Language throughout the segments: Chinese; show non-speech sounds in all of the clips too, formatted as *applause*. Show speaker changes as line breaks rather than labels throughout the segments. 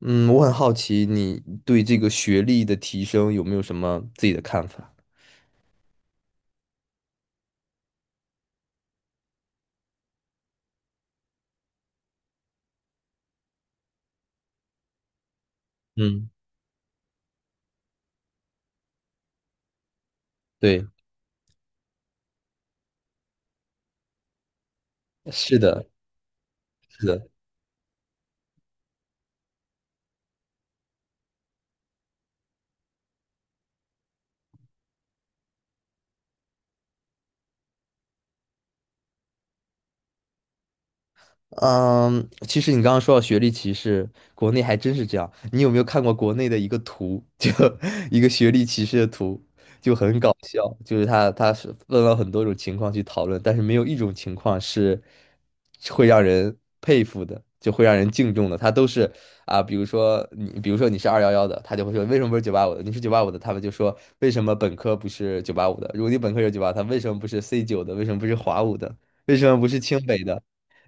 嗯，我很好奇你对这个学历的提升有没有什么自己的看法？嗯，对，是的，是的。嗯，其实你刚刚说到学历歧视，国内还真是这样。你有没有看过国内的一个图，*laughs* 就一个学历歧视的图，就很搞笑。就是他是问了很多种情况去讨论，但是没有一种情况是会让人佩服的，就会让人敬重的。他都是啊，比如说你是211的，他就会说为什么不是九八五的？你是九八五的，他们就说为什么本科不是九八五的？如果你本科是九八，他为什么不是 C9的？为什么不是华五的？为什么不是清北的？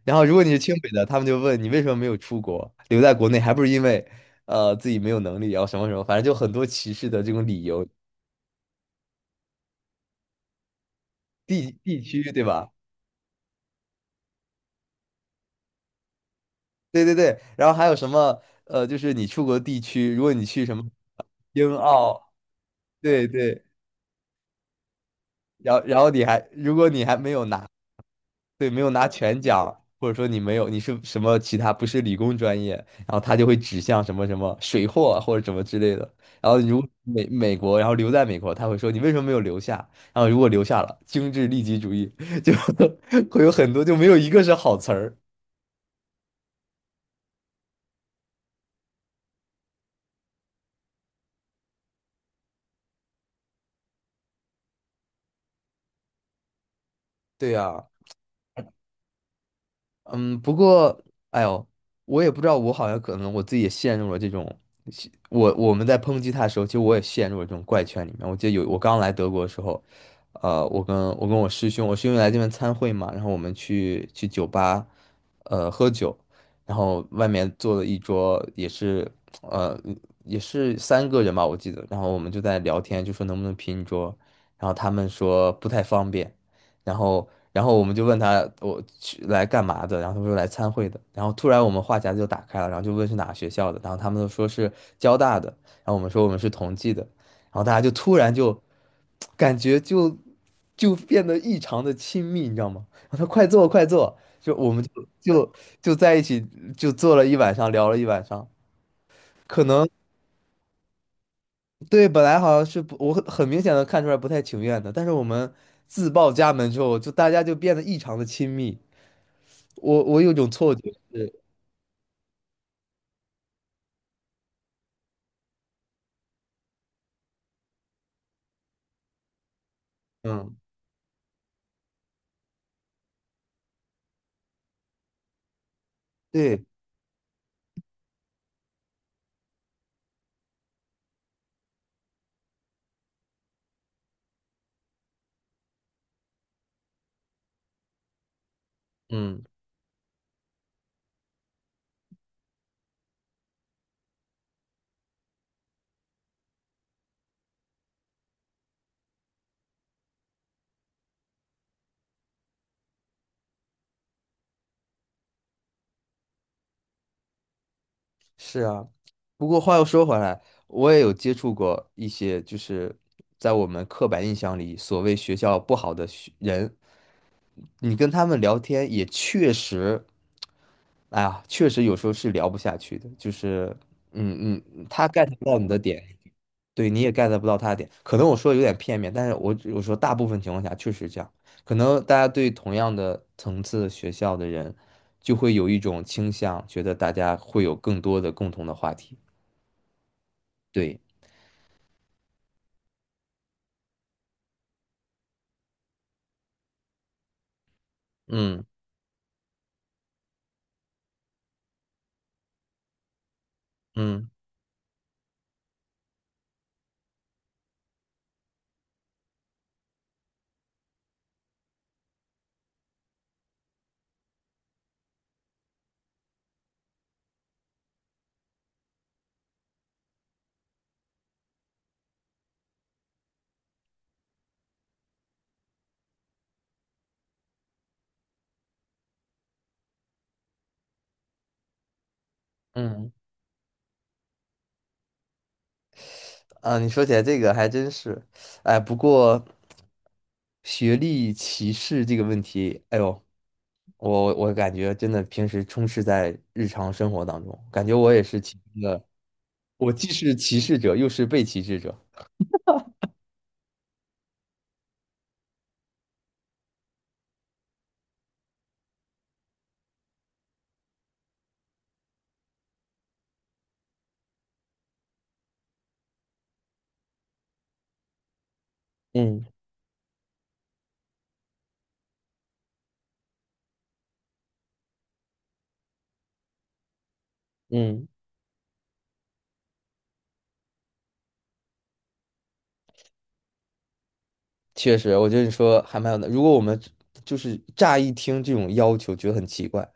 然后如果你是清北的，他们就问你为什么没有出国，留在国内，还不是因为自己没有能力，然后什么什么，反正就很多歧视的这种理由，地区对吧？对对对，然后还有什么就是你出国地区，如果你去什么英澳，对对，然后如果你还没有拿。对，没有拿全奖，或者说你没有，你是什么其他不是理工专业，然后他就会指向什么什么水货啊或者什么之类的。然后美国，然后留在美国，他会说你为什么没有留下？然后如果留下了，精致利己主义 *laughs* 就会有很多就没有一个是好词儿。对呀，嗯，不过，哎呦，我也不知道，我好像可能我自己也陷入了这种，我们在抨击他的时候，其实我也陷入了这种怪圈里面。我记得有我刚来德国的时候，我跟我师兄，我师兄来这边参会嘛，然后我们去酒吧，喝酒，然后外面坐了一桌，呃也是三个人吧，我记得，然后我们就在聊天，就说能不能拼一桌，然后他们说不太方便。然后我们就问他我去来干嘛的，然后他说来参会的，然后突然我们话匣子就打开了，然后就问是哪个学校的，然后他们都说是交大的，然后我们说我们是同济的，然后大家就突然就感觉就变得异常的亲密，你知道吗？*laughs* 然后他快坐快坐，就我们就就在一起就坐了一晚上，聊了一晚上，可能。对，本来好像是不，我很明显的看出来不太情愿的，但是我们自报家门之后，就大家就变得异常的亲密。我有种错觉是，嗯，对，嗯，是啊。不过话又说回来，我也有接触过一些，就是在我们刻板印象里所谓学校不好的学人，你跟他们聊天也确实，哎呀，确实有时候是聊不下去的，就是，他 get 不到你的点，对，你也 get 不到他的点，可能我说的有点片面，但是我说大部分情况下确实这样，可能大家对同样的层次学校的人，就会有一种倾向，觉得大家会有更多的共同的话题。对，嗯嗯嗯，啊，你说起来这个还真是，哎，不过学历歧视这个问题，哎呦，我感觉真的平时充斥在日常生活当中，感觉我也是其中的，我既是歧视者，又是被歧视者。嗯嗯，确实，我觉得你说还蛮有的。如果我们就是乍一听这种要求，觉得很奇怪，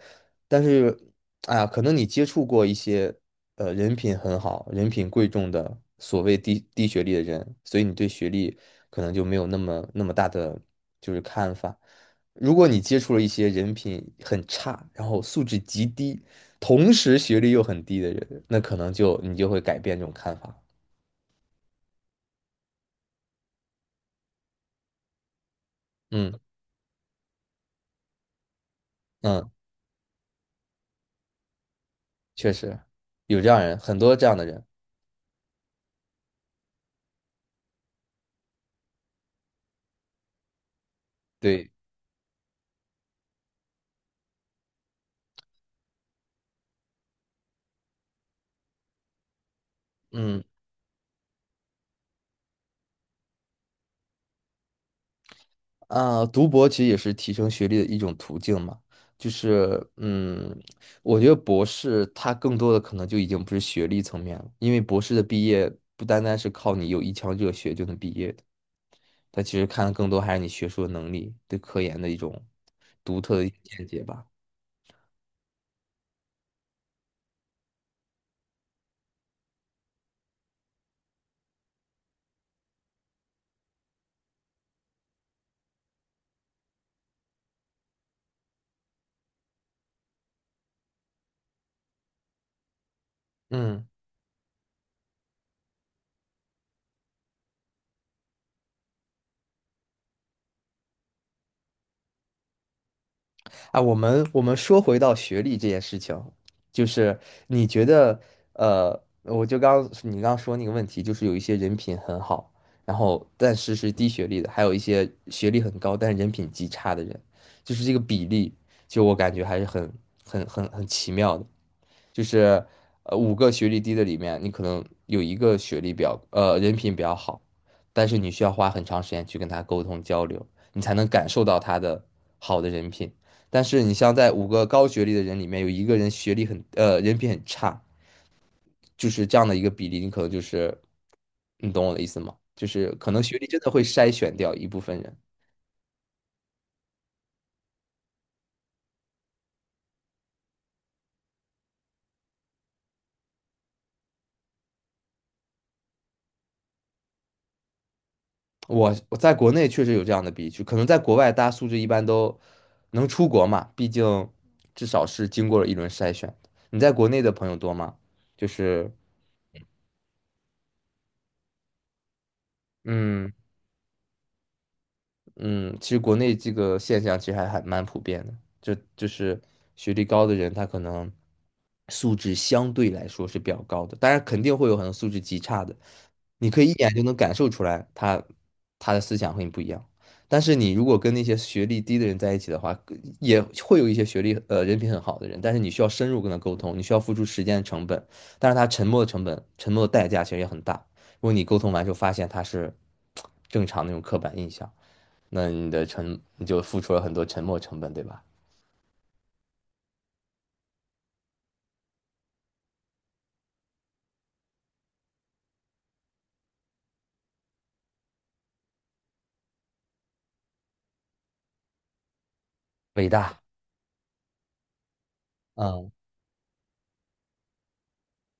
但是，哎呀，可能你接触过一些人品很好、人品贵重的所谓低学历的人，所以你对学历可能就没有那么那么大的就是看法。如果你接触了一些人品很差，然后素质极低，同时学历又很低的人，那可能就你就会改变这种看法。嗯。嗯。确实有这样人，很多这样的人。对，嗯啊，读博其实也是提升学历的一种途径嘛。就是嗯，我觉得博士他更多的可能就已经不是学历层面了，因为博士的毕业不单单是靠你有一腔热血就能毕业的，他其实看的更多还是你学术的能力，对科研的一种独特的见解吧。嗯。啊，我们说回到学历这件事情，就是你觉得，我就刚你刚刚说那个问题，就是有一些人品很好，然后但是是低学历的，还有一些学历很高但是人品极差的人，就是这个比例，就我感觉还是很奇妙的，就是五个学历低的里面，你可能有一个学历比较人品比较好，但是你需要花很长时间去跟他沟通交流，你才能感受到他的好的人品。但是你像在五个高学历的人里面，有一个人学历很人品很差，就是这样的一个比例，你可能就是你懂我的意思吗？就是可能学历真的会筛选掉一部分人。我在国内确实有这样的比例，就可能在国外大家素质一般都能出国嘛，毕竟至少是经过了一轮筛选。你在国内的朋友多吗？就是嗯，嗯，其实国内这个现象其实还蛮普遍的，就是学历高的人，他可能素质相对来说是比较高的，当然肯定会有很多素质极差的，你可以一眼就能感受出来他的思想和你不一样。但是你如果跟那些学历低的人在一起的话，也会有一些学历人品很好的人，但是你需要深入跟他沟通，你需要付出时间的成本，但是他沉默的成本、沉默的代价其实也很大。如果你沟通完之后发现他是正常那种刻板印象。那你的沉你就付出了很多沉没成本，对吧？伟大，嗯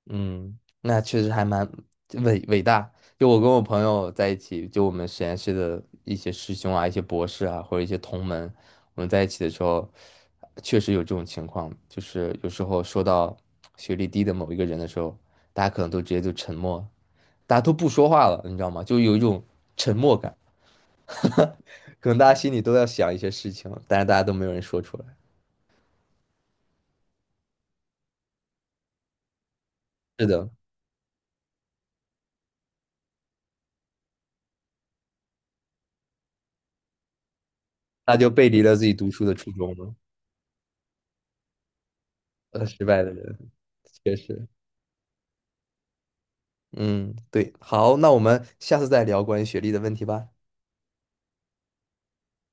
嗯，那确实还蛮伟大。就我跟我朋友在一起，就我们实验室的一些师兄啊、一些博士啊，或者一些同门，我们在一起的时候，确实有这种情况，就是有时候说到学历低的某一个人的时候，大家可能都直接就沉默，大家都不说话了，你知道吗？就有一种沉默感，可能大家心里都要想一些事情，但是大家都没有人说出来。是的。他就背离了自己读书的初衷了。失败的人，确实，嗯，对，好，那我们下次再聊关于学历的问题吧。